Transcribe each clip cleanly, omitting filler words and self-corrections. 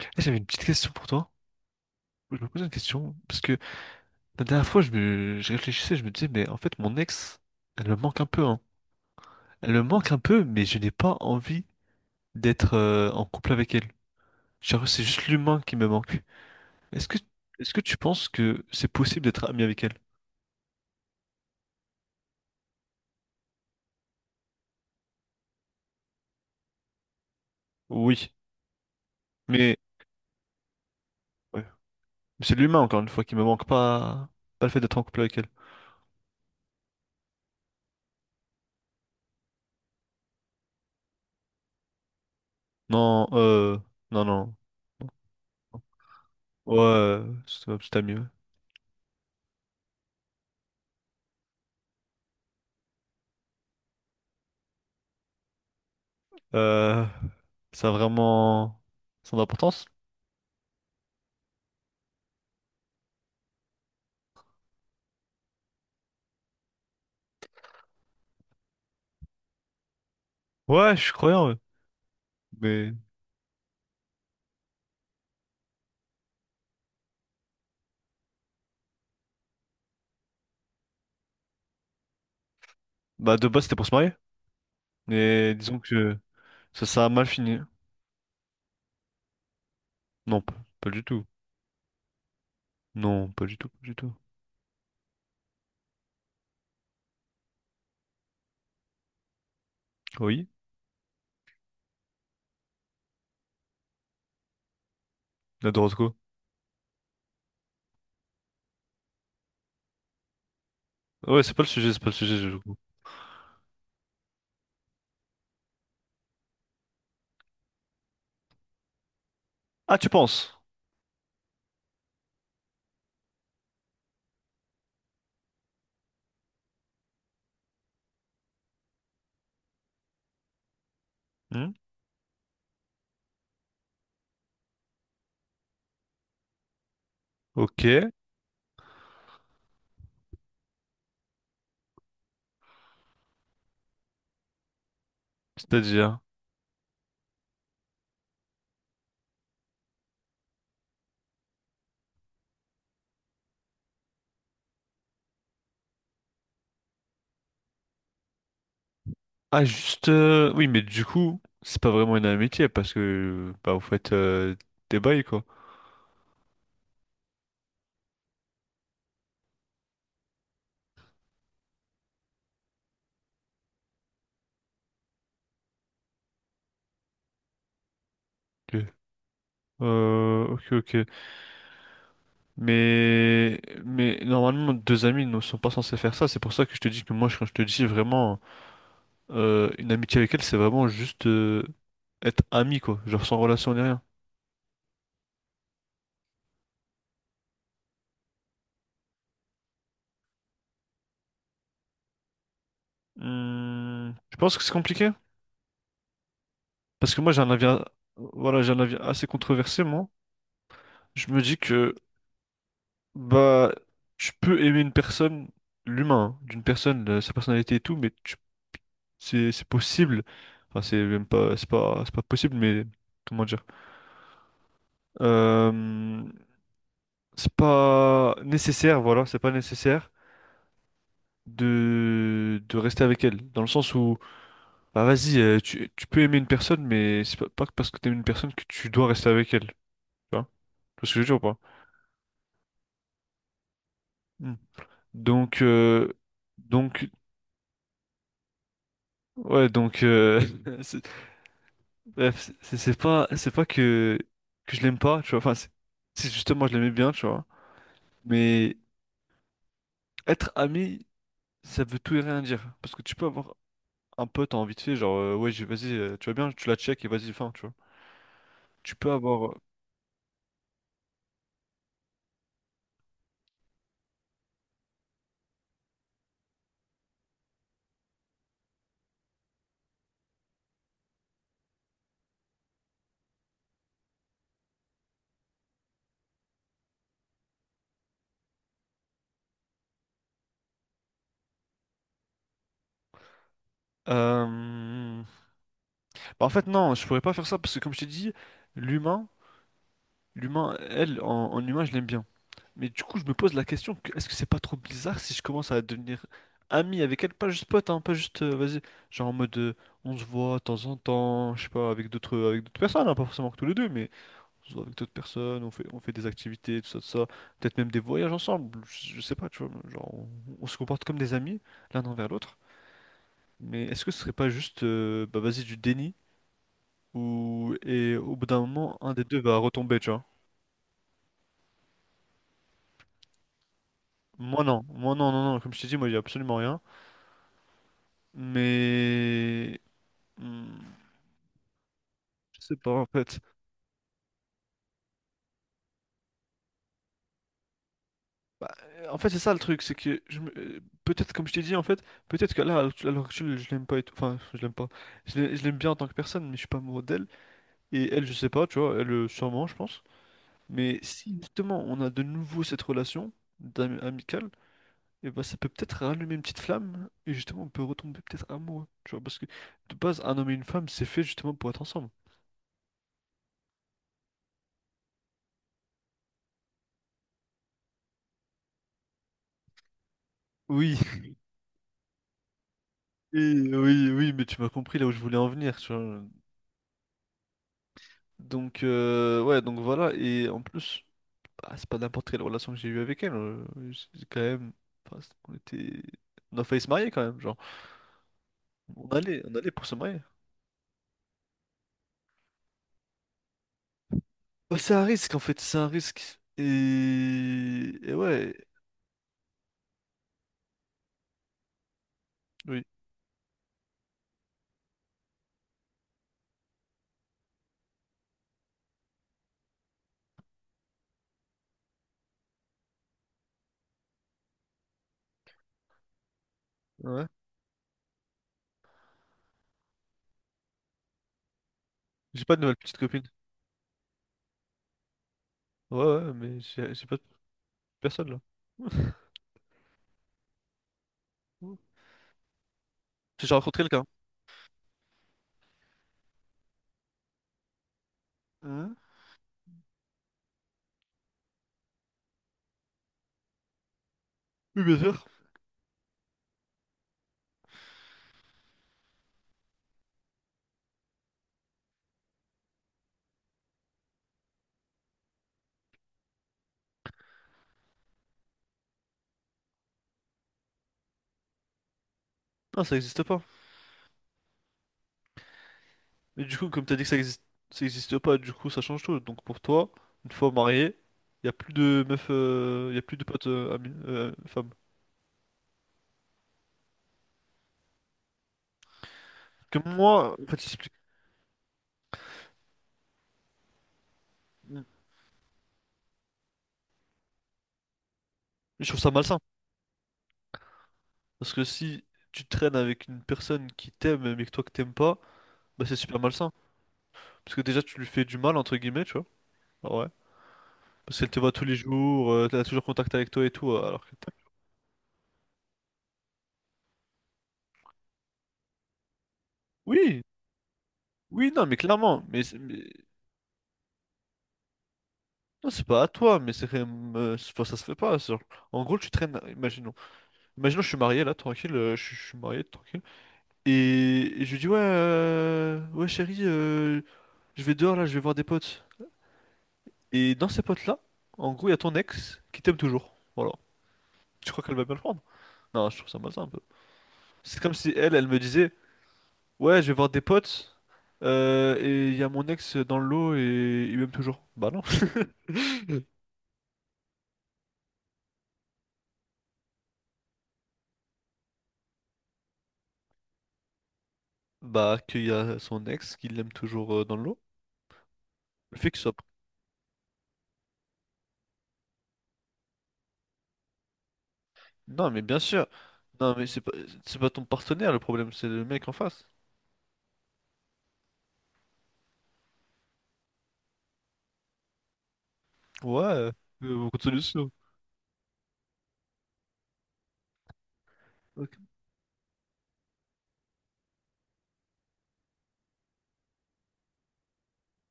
J'avais une petite question pour toi. Je me posais une question parce que la dernière fois, je réfléchissais, je me disais, mais en fait, mon ex, elle me manque un peu, hein. Elle me manque un peu, mais je n'ai pas envie d'être en couple avec elle. Genre, c'est juste l'humain qui me manque. Est-ce que, est-ce que tu penses que c'est possible d'être ami avec elle? Oui, mais ouais. Mais c'est l'humain encore une fois qui me manque pas, pas le fait d'être en couple avec elle. Non, euh, non, non. Ouais, c'est ma petite amie. Ouais. Euh, ça a vraiment son importance? Ouais, je suis croyant, ouais. Mais bah de base c'était pour se marier. Mais disons que ça a mal fini. Non, p- pas du tout. Non, pas du tout, pas du tout. Oui, la Dorotko. Ouais, c'est pas le sujet, c'est pas le sujet du coup. Ah, tu penses? Hmm. Ok, c'est-à-dire. Ah, juste. Oui, mais du coup, c'est pas vraiment une amitié parce que bah vous faites des bails quoi. Ok. Ok, ok. Mais normalement deux amis ne sont pas censés faire ça. C'est pour ça que je te dis que moi je- quand je te dis vraiment. Une amitié avec elle, c'est vraiment juste être ami, quoi. Genre sans relation ni rien. Hmm, je pense que c'est compliqué. Parce que moi, j'ai un avis, a- voilà, j'ai un avis assez controversé, moi. Je me dis que, bah, tu peux aimer une personne, l'humain, hein, d'une personne, sa personnalité et tout, c'est possible. Enfin, c'est même pas, c'est pas possible, mais comment dire? Euh, c'est pas nécessaire, voilà, c'est pas nécessaire de rester avec elle. Dans le sens où bah vas-y, tu peux aimer une personne, mais c'est pas, pas que parce que t'aimes une personne que tu dois rester avec elle. Tu vois? Tu vois ce que je veux dire ou pas? Hmm. Donc, euh, donc, ouais, c'est- bref, c'est pas que, que je l'aime pas, tu vois. Enfin, c'est justement, je l'aimais bien, tu vois. Mais être ami, ça veut tout et rien dire. Parce que tu peux avoir un pote en vite fait, genre, ouais, vas-y, tu vas bien, tu la check et vas-y, fin, tu vois. Tu peux avoir. euh, Bah, en fait, non, je pourrais pas faire ça parce que, comme je t'ai dit, l'humain. L'humain, en humain, je l'aime bien. Mais du coup, je me pose la question, est-ce que c'est pas trop bizarre si je commence à devenir ami avec elle? Pas juste pote, hein, pas juste, vas-y, genre en mode, on se voit de temps en temps, je sais pas, avec d'autres personnes, hein, pas forcément que tous les deux, mais on se voit avec d'autres personnes, on fait des activités, tout ça, peut-être même des voyages ensemble, je sais pas, tu vois, genre, on se comporte comme des amis, l'un envers l'autre. Mais est-ce que ce serait pas juste, bah vas-y, du déni, ou, et au bout d'un moment, un des deux va retomber, tu vois? Moi non, non, non, comme je t'ai dit, moi il y a absolument rien. Mais hmm, je sais pas en fait. Bah, en fait c'est ça le truc, c'est que peut-être comme je t'ai dit en fait, peut-être que là à l'heure actuelle je l'aime pas et tout. Enfin je l'aime pas. Je l'aime bien en tant que personne, mais je suis pas amoureux d'elle. Et elle je sais pas, tu vois, elle sûrement je pense. Mais si justement on a de nouveau cette relation amicale, et bah ça peut peut-être rallumer une petite flamme et justement on peut retomber peut-être amoureux. Tu vois, parce que de base un homme et une femme c'est fait justement pour être ensemble. Oui, oui, oui, oui, mais tu m'as compris là où je voulais en venir, tu vois. Ouais, donc voilà, et en plus, bah, c'est pas n'importe quelle relation que j'ai eue avec elle, j'ai quand même, enfin, on était, on a failli se marier quand même, genre, on allait pour se marier. Bah, c'est un risque en fait, c'est un risque, et ouais, oui, ouais, j'ai pas de nouvelle petite copine, ouais, ouais, mais j'ai pas de personne là. J'ai rencontré quelqu'un. Hein. Oui, bien sûr. Non, ça existe pas. Mais du coup, comme t'as dit que ça existe pas, du coup, ça change tout. Donc pour toi, une fois marié, y a plus de meufs, y a plus de potes amis, femmes. Que moi, en fait, j'explique- Je trouve ça malsain. Parce que si tu traînes avec une personne qui t'aime, mais que toi que t'aimes pas, bah c'est super malsain. Parce que déjà, tu lui fais du mal, entre guillemets, tu vois. Ah ouais. Parce qu'elle te voit tous les jours, elle a toujours contact avec toi et tout, alors que... Oui, oui, non, mais clairement, non, c'est pas à toi, mais c'est quand même, enfin, ça se fait pas, genre. En gros, tu traînes, imaginons. Imaginons, je suis marié là, tranquille, je suis marié, tranquille. Et je lui dis, ouais, ouais chérie, je vais dehors là, je vais voir des potes. Et dans ces potes là, en gros, il y a ton ex qui t'aime toujours. Voilà. Tu crois qu'elle va bien le prendre? Non, je trouve ça malsain un peu. C'est comme si elle, elle me disait, ouais, je vais voir des potes, et il y a mon ex dans le lot et il m'aime toujours. Bah non. Bah, qu'il y a son ex qui l'aime toujours dans le lot. Le fait qu'il soit. Non, mais bien sûr. Non, mais c'est pas, c'est pas ton partenaire le problème, c'est le mec en face. Ouais, euh, beaucoup de solutions. Ok.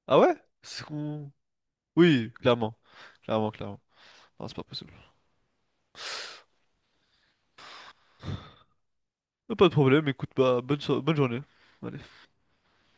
Ah ouais? C'est qu'on- Oui, clairement. Clairement, clairement. Non, c'est pas possible. Pas de problème, écoute, bah, bonne journée. Allez.